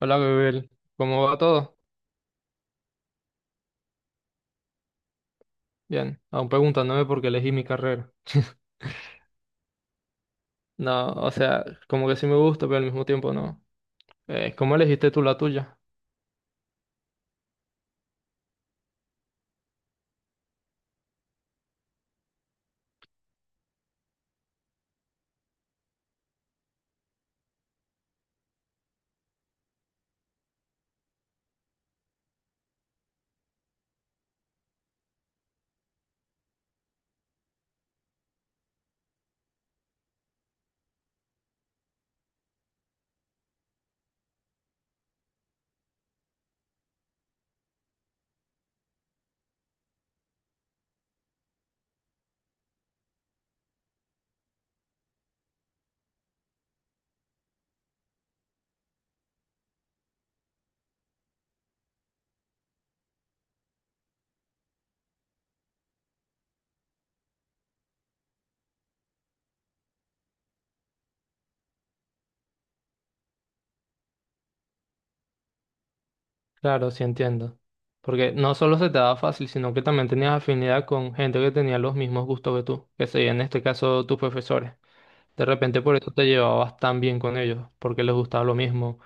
Hola, Gabriel. ¿Cómo va todo? Bien. Aún preguntándome por qué elegí mi carrera. No, o sea, como que sí me gusta, pero al mismo tiempo no. ¿Cómo elegiste tú la tuya? Claro, sí entiendo. Porque no solo se te daba fácil, sino que también tenías afinidad con gente que tenía los mismos gustos que tú, que serían en este caso tus profesores. De repente por eso te llevabas tan bien con ellos, porque les gustaba lo mismo.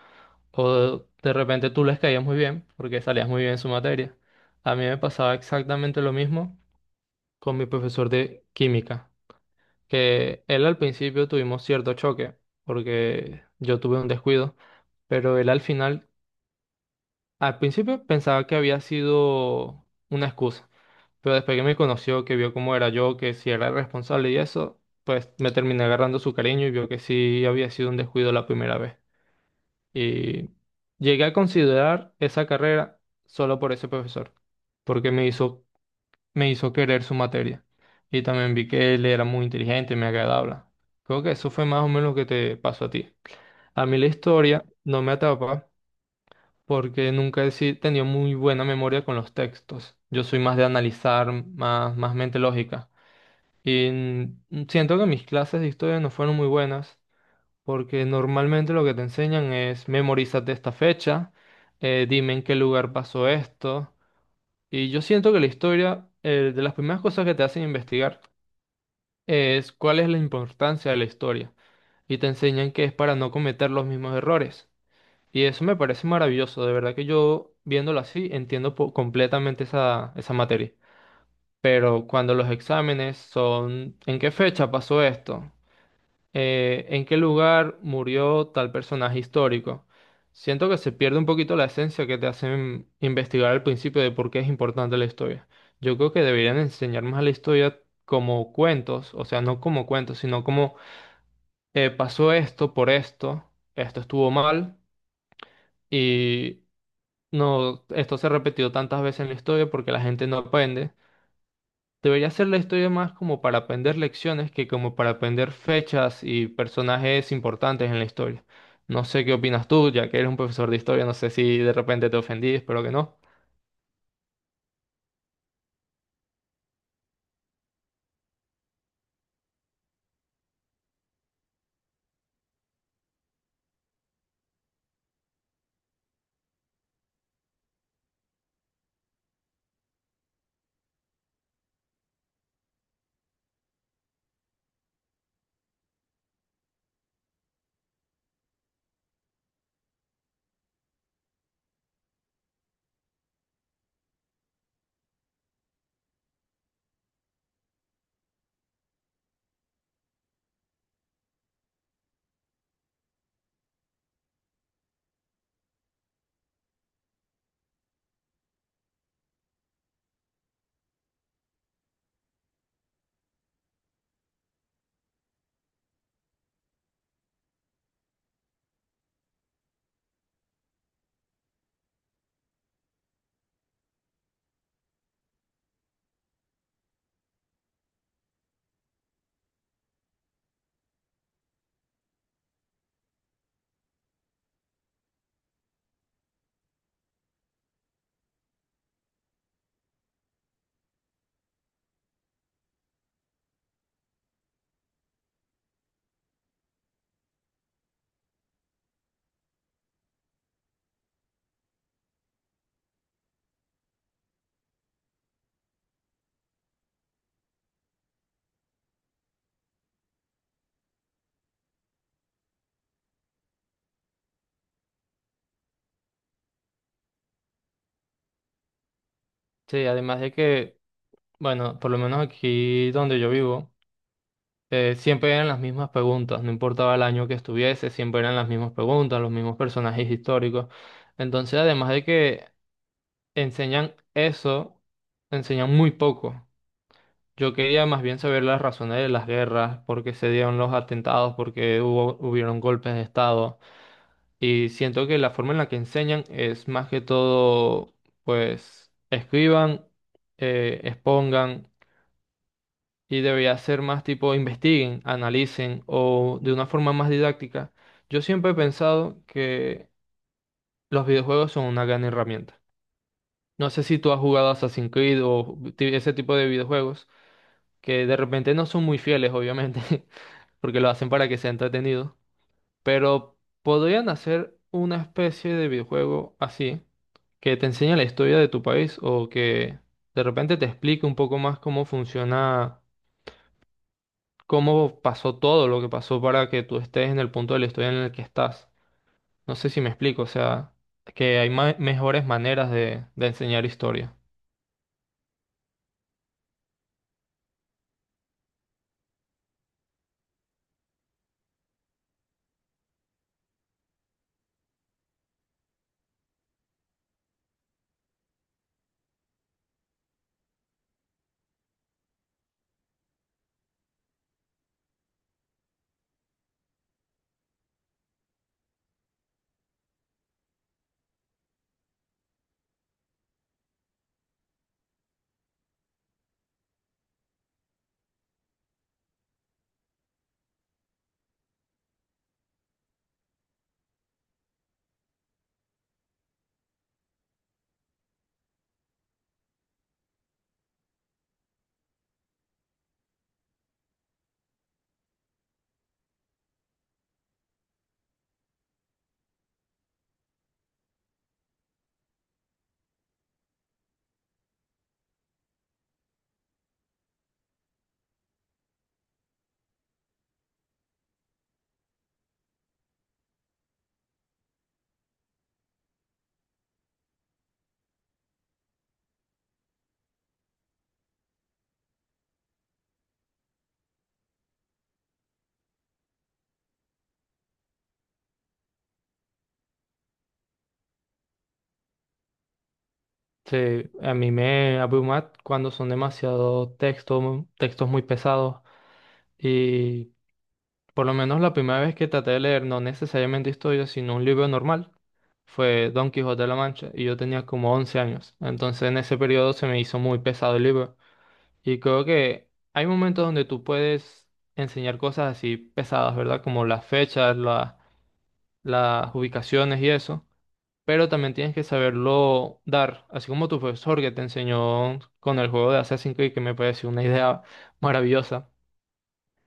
O de repente tú les caías muy bien, porque salías muy bien en su materia. A mí me pasaba exactamente lo mismo con mi profesor de química. Que él al principio tuvimos cierto choque, porque yo tuve un descuido, pero él al final, al principio pensaba que había sido una excusa, pero después que me conoció, que vio cómo era yo, que si era el responsable y eso, pues me terminé agarrando su cariño y vio que sí había sido un descuido la primera vez. Y llegué a considerar esa carrera solo por ese profesor, porque me hizo querer su materia. Y también vi que él era muy inteligente, me agradable. Creo que eso fue más o menos lo que te pasó a ti. A mí la historia no me atrapa porque nunca he si- tenido muy buena memoria con los textos. Yo soy más de analizar, más mente lógica. Y siento que mis clases de historia no fueron muy buenas porque normalmente lo que te enseñan es memorízate esta fecha, dime en qué lugar pasó esto. Y yo siento que la historia, de las primeras cosas que te hacen investigar, es cuál es la importancia de la historia y te enseñan que es para no cometer los mismos errores. Y eso me parece maravilloso, de verdad que yo viéndolo así entiendo po- completamente esa materia. Pero cuando los exámenes son ¿en qué fecha pasó esto? ¿En qué lugar murió tal personaje histórico? Siento que se pierde un poquito la esencia que te hacen investigar al principio de por qué es importante la historia. Yo creo que deberían enseñar más a la historia como cuentos, o sea, no como cuentos, sino como pasó esto por esto, esto estuvo mal y no, esto se repetió tantas veces en la historia porque la gente no aprende. Debería ser la historia más como para aprender lecciones que como para aprender fechas y personajes importantes en la historia. No sé qué opinas tú, ya que eres un profesor de historia, no sé si de repente te ofendí, espero que no. Sí, además de que, bueno, por lo menos aquí donde yo vivo. Siempre eran las mismas preguntas, no importaba el año que estuviese, siempre eran las mismas preguntas, los mismos personajes históricos. Entonces, además de que enseñan eso, enseñan muy poco. Yo quería más bien saber las razones de las guerras, por qué se dieron los atentados, por qué hubieron golpes de estado. Y siento que la forma en la que enseñan es más que todo, pues, escriban, expongan. Y debería ser más tipo investiguen, analicen o de una forma más didáctica. Yo siempre he pensado que los videojuegos son una gran herramienta. No sé si tú has jugado Assassin's Creed o ti- ese tipo de videojuegos que de repente no son muy fieles, obviamente, porque lo hacen para que sea entretenido, pero podrían hacer una especie de videojuego así, que te enseñe la historia de tu país o que de repente te explique un poco más cómo funciona cómo pasó todo lo que pasó para que tú estés en el punto de la historia en el que estás. No sé si me explico, o sea, que hay ma- mejores maneras de enseñar historia. Sí, a mí me abruma cuando son demasiado textos, textos muy pesados y por lo menos la primera vez que traté de leer no necesariamente historia, sino un libro normal, fue Don Quijote de la Mancha y yo tenía como 11 años. Entonces en ese periodo se me hizo muy pesado el libro. Y creo que hay momentos donde tú puedes enseñar cosas así pesadas, ¿verdad? Como las fechas, la- las ubicaciones y eso. Pero también tienes que saberlo dar, así como tu profesor que te enseñó con el juego de Assassin's Creed, que me pareció una idea maravillosa.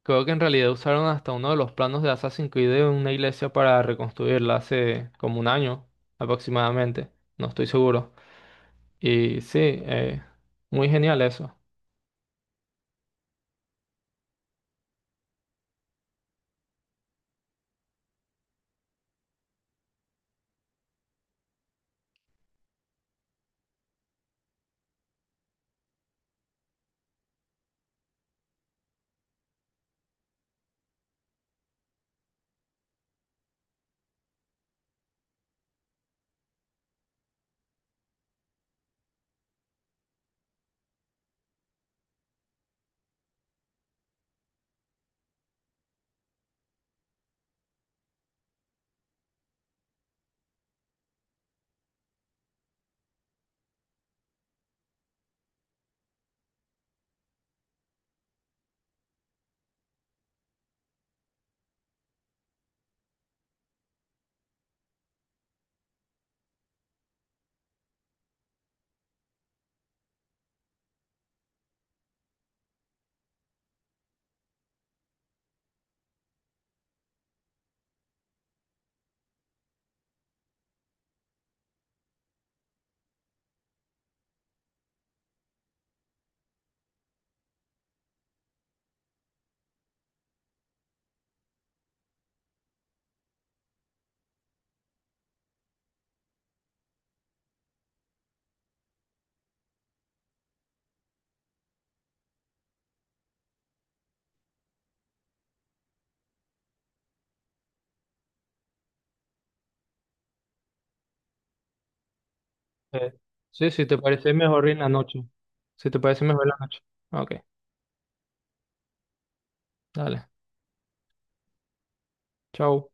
Creo que en realidad usaron hasta uno de los planos de Assassin's Creed de una iglesia para reconstruirla hace como un año aproximadamente. No estoy seguro. Y sí, muy genial eso. Eh, sí, si te parece mejor en la noche. Si te parece mejor en la noche. Ok, dale. Chao.